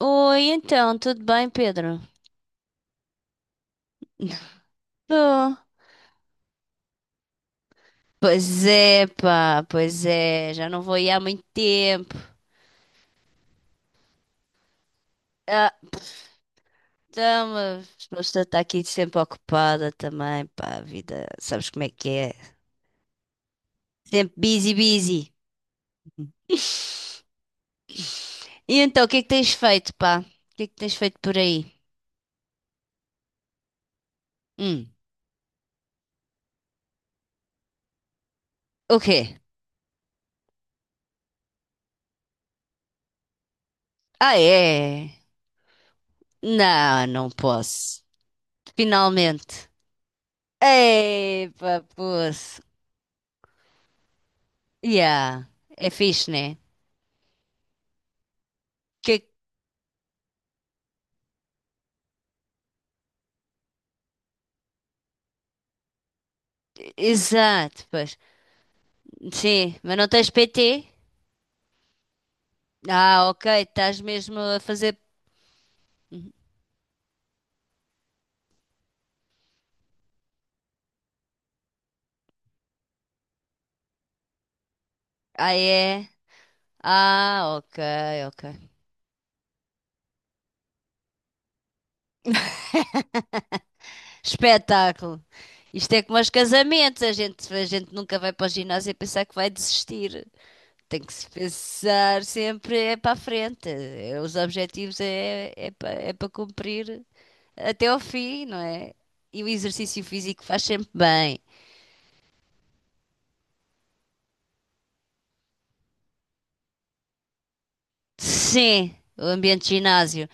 Oi, então, tudo bem, Pedro? Tô. Pois é, pá, pois é, já não vou ir há muito tempo. Ah, então, a pessoa está aqui sempre ocupada também, pá, a vida, sabes como é que é? Sempre busy, busy. E então, o que é que tens feito, pá? O que é que tens feito por aí? Hum, o quê? Ah, é? Não, não posso. Finalmente. Ei, pá, poço. Yeah, é fixe, né? Que... Exato, pois. Sim, mas não tens PT? Ah, ok, estás mesmo a fazer. Ah, é? Ah, ok, ok. Espetáculo. Isto é como aos casamentos, a gente nunca vai para o ginásio e pensar que vai desistir. Tem que se pensar sempre é para a frente. Os objetivos é para cumprir até ao fim, não é? E o exercício físico faz sempre bem. Sim, o ambiente de ginásio.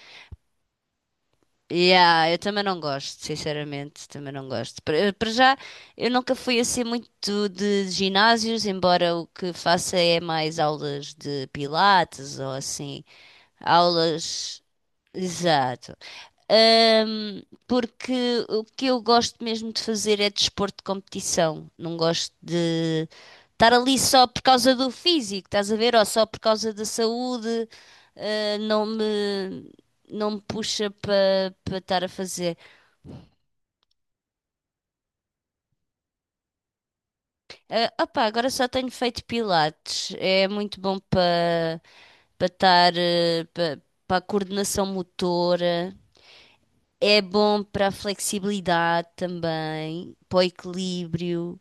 Yeah, eu também não gosto, sinceramente, também não gosto. Para já, eu nunca fui assim muito de ginásios, embora o que faça é mais aulas de pilates ou assim, aulas. Exato. Porque o que eu gosto mesmo de fazer é desporto de competição. Não gosto de estar ali só por causa do físico, estás a ver? Ou só por causa da saúde. Ah, não me, não me puxa para estar a fazer. Ah, opá, agora só tenho feito pilates. É muito bom para estar para para a coordenação motora. É bom para a flexibilidade também, para o equilíbrio.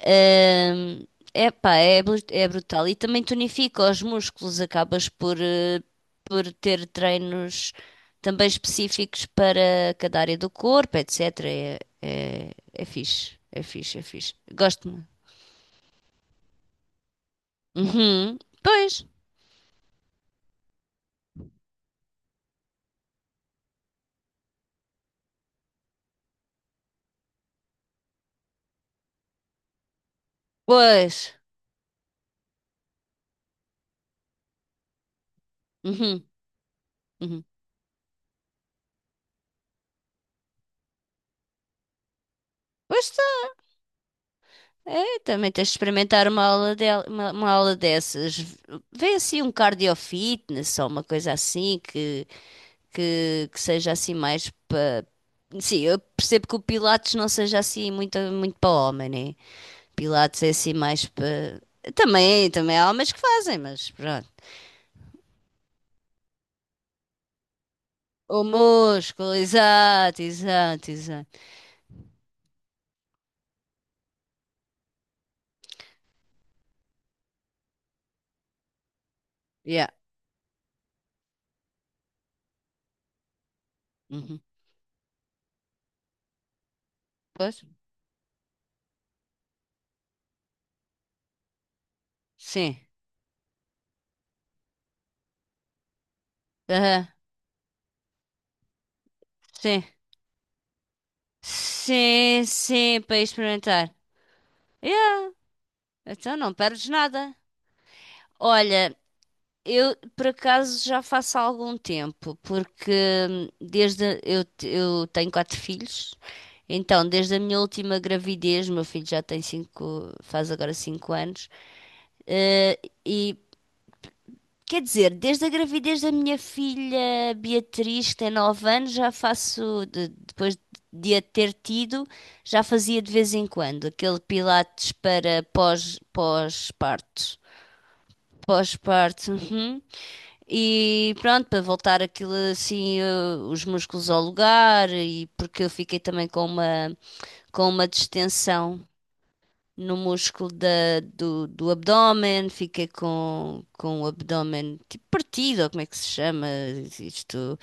Ahm, epá, é, é brutal. E também tonifica os músculos, acabas por, por ter treinos também específicos para cada área do corpo, etc. É fixe, é fixe, é fixe. Gosto-me. Uhum. Pois, pois. Uhum. Uhum. Pois está, é, também tens de experimentar uma aula, uma aula dessas. Vê assim um cardio fitness ou uma coisa assim que seja assim mais para. Sim, eu percebo que o Pilates não seja assim muito, muito para homem, né? Pilates é assim mais para. Também, também há homens que fazem, mas pronto. O músculo, exato, exato, exato. Yeah. Uhum. Pois? Sim. Aham. Sim. Sim, sim, para experimentar. Yeah. Então não perdes nada. Olha, eu, por acaso, já faço há algum tempo, porque eu tenho 4 filhos, então desde a minha última gravidez, meu filho já tem 5, faz agora 5 anos, eh, e quer dizer, desde a gravidez da minha filha Beatriz, que tem 9 anos, já faço, depois de a ter tido, já fazia de vez em quando aquele pilates para pós, pós-parto. Pós-parto, uhum. E pronto, para voltar aquilo assim, os músculos ao lugar, e porque eu fiquei também com uma distensão no músculo do abdómen, fiquei com o abdómen tipo partido, ou como é que se chama? Isto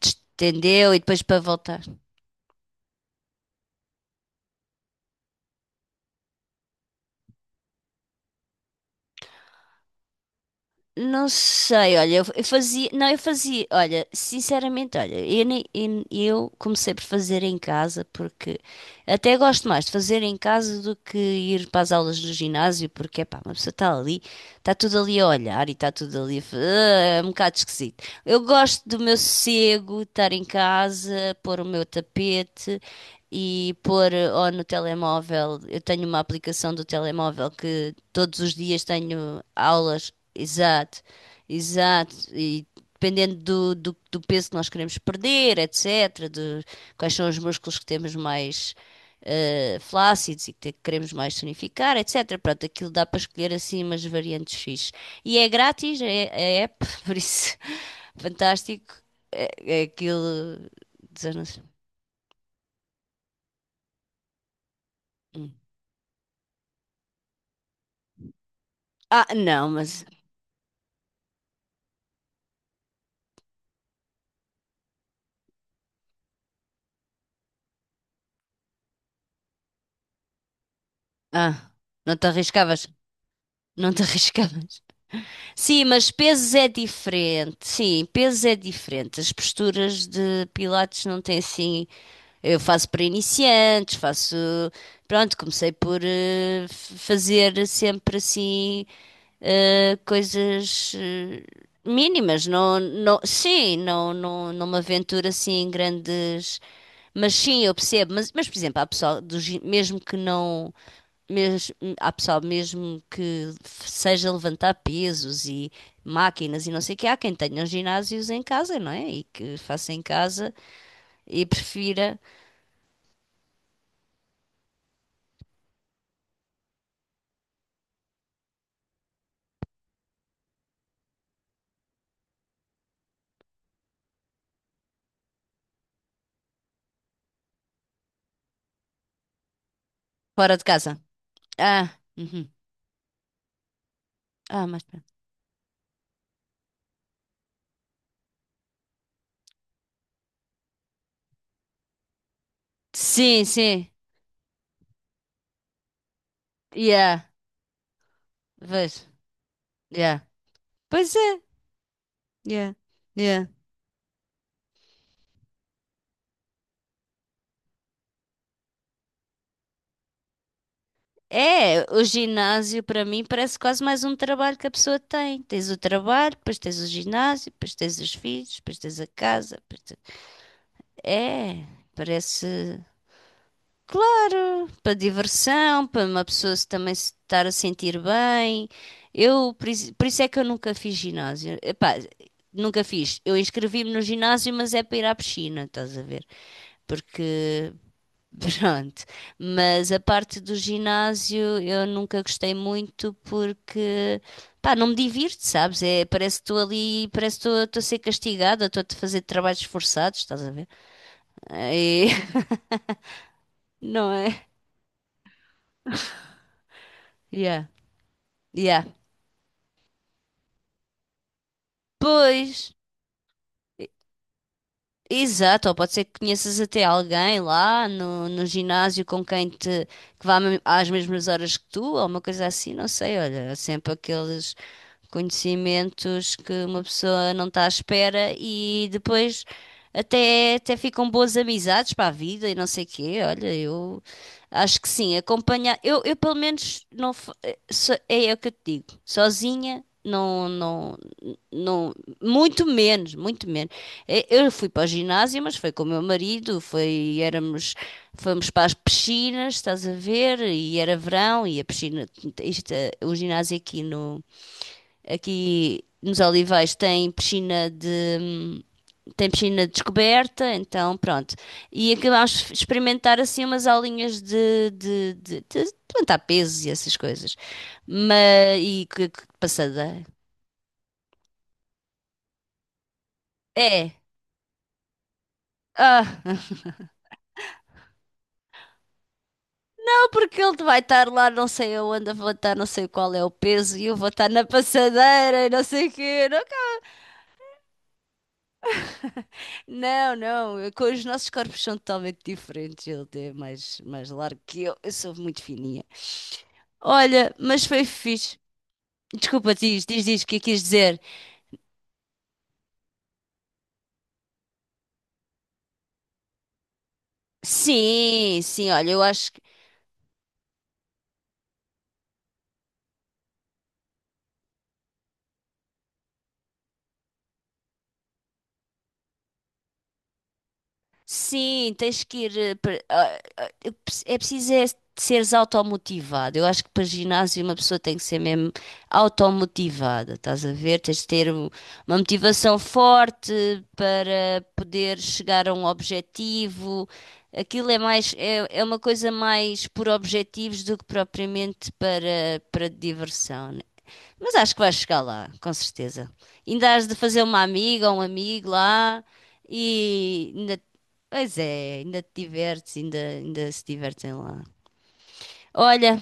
distendeu e depois para voltar. Não sei, olha, eu fazia, não, eu fazia, olha, sinceramente, olha, eu, nem- eu comecei por fazer em casa porque até gosto mais de fazer em casa do que ir para as aulas do ginásio, porque, pá, uma pessoa está ali, está tudo ali a olhar e está tudo ali a, é um bocado esquisito. Eu gosto do meu sossego, estar em casa, pôr o meu tapete e pôr ou no telemóvel, eu tenho uma aplicação do telemóvel que todos os dias tenho aulas. Exato, exato. E dependendo do peso que nós queremos perder, etc., de quais são os músculos que temos mais flácidos e queremos mais tonificar, etc. Pronto, aquilo dá para escolher assim umas variantes fixe. E é grátis, é, é app, por isso, fantástico. É, é aquilo. desanos- Hum. Ah, não, mas. Ah, não te arriscavas. Não te arriscavas. Sim, mas pesos é diferente. Sim, pesos é diferente. As posturas de Pilates não têm assim. Eu faço para iniciantes, faço. Pronto, comecei por fazer sempre assim coisas mínimas, não me aventuro assim em grandes. Mas sim, eu percebo. Mas por exemplo, há pessoal mesmo que não. Mesmo, há pessoal mesmo seja levantar pesos e máquinas e não sei o que, há quem tenha ginásios em casa, não é? E que faça em casa e prefira. Fora de casa. Ah, uhum. Ah, mais perto. Sim, sim. Yeah, vejo. Yeah. Pois é. Yeah, yeah. É, o ginásio para mim parece quase mais um trabalho que a pessoa tem. Tens o trabalho, depois tens o ginásio, depois tens os filhos, depois tens a casa. É, parece. Claro, para diversão, para uma pessoa se também se estar a sentir bem. Eu, por isso é que eu nunca fiz ginásio. Epá, nunca fiz. Eu inscrevi-me no ginásio, mas é para ir à piscina, estás a ver? Porque, pronto. Mas a parte do ginásio eu nunca gostei muito porque, pá, não me divirto, sabes? É, parece que estou ali, parece que estou a ser castigada, estou a fazer trabalhos forçados, estás a ver? É, não é? Yeah, yeah. Pois, e- exato, ou pode ser que conheças até alguém lá no ginásio com quem te, às mesmas horas que tu, ou uma coisa assim, não sei, olha, há sempre aqueles conhecimentos que uma pessoa não está à espera e depois até ficam boas amizades para a vida e não sei quê, olha, eu acho que sim, acompanhar, eu pelo menos não, fa- eh, so- é é o que eu te digo, sozinha, não, não, não, muito menos, muito menos. Eu fui para o ginásio, mas foi com o meu marido, foi, éramos, fomos para as piscinas, estás a ver? E era verão e a piscina, isto, o ginásio aqui no, aqui nos Olivais tem tem piscina descoberta, então pronto. E acabámos de experimentar assim umas aulinhas de levantar pesos e essas coisas. Mas, que passada. É. Ah. Porque ele vai estar lá, não sei aonde, eu vou estar, não sei qual é o peso, e eu vou estar na passadeira e não sei o quê. Não, não, eu- com os nossos corpos são totalmente diferentes. Ele é mais, mais largo que eu sou muito fininha. Olha, mas foi fixe. Desculpa, diz, diz, diz o que é que quis dizer. Sim, sim, olha, eu acho. Sim, tens que ir. É preciso é seres automotivado. Eu acho que para ginásio uma pessoa tem que ser mesmo automotivada, estás a ver? Tens de ter um- uma motivação forte para poder chegar a um objetivo. Aquilo é, é uma coisa mais por objetivos do que propriamente para diversão, mas acho que vais chegar lá, com certeza. Ainda has de fazer uma amiga ou um amigo lá e ainda, pois é, ainda te divertes, ainda, ainda se divertem lá. Olha,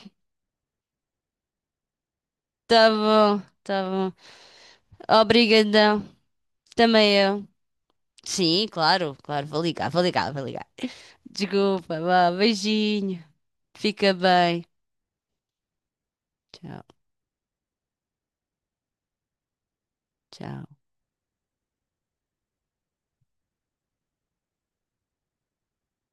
tá bom, tá bom. Obrigadão. Também eu. Sim, claro, claro, vou ligar. Desculpa, vá, beijinho. Fica bem. Tchau, tchau.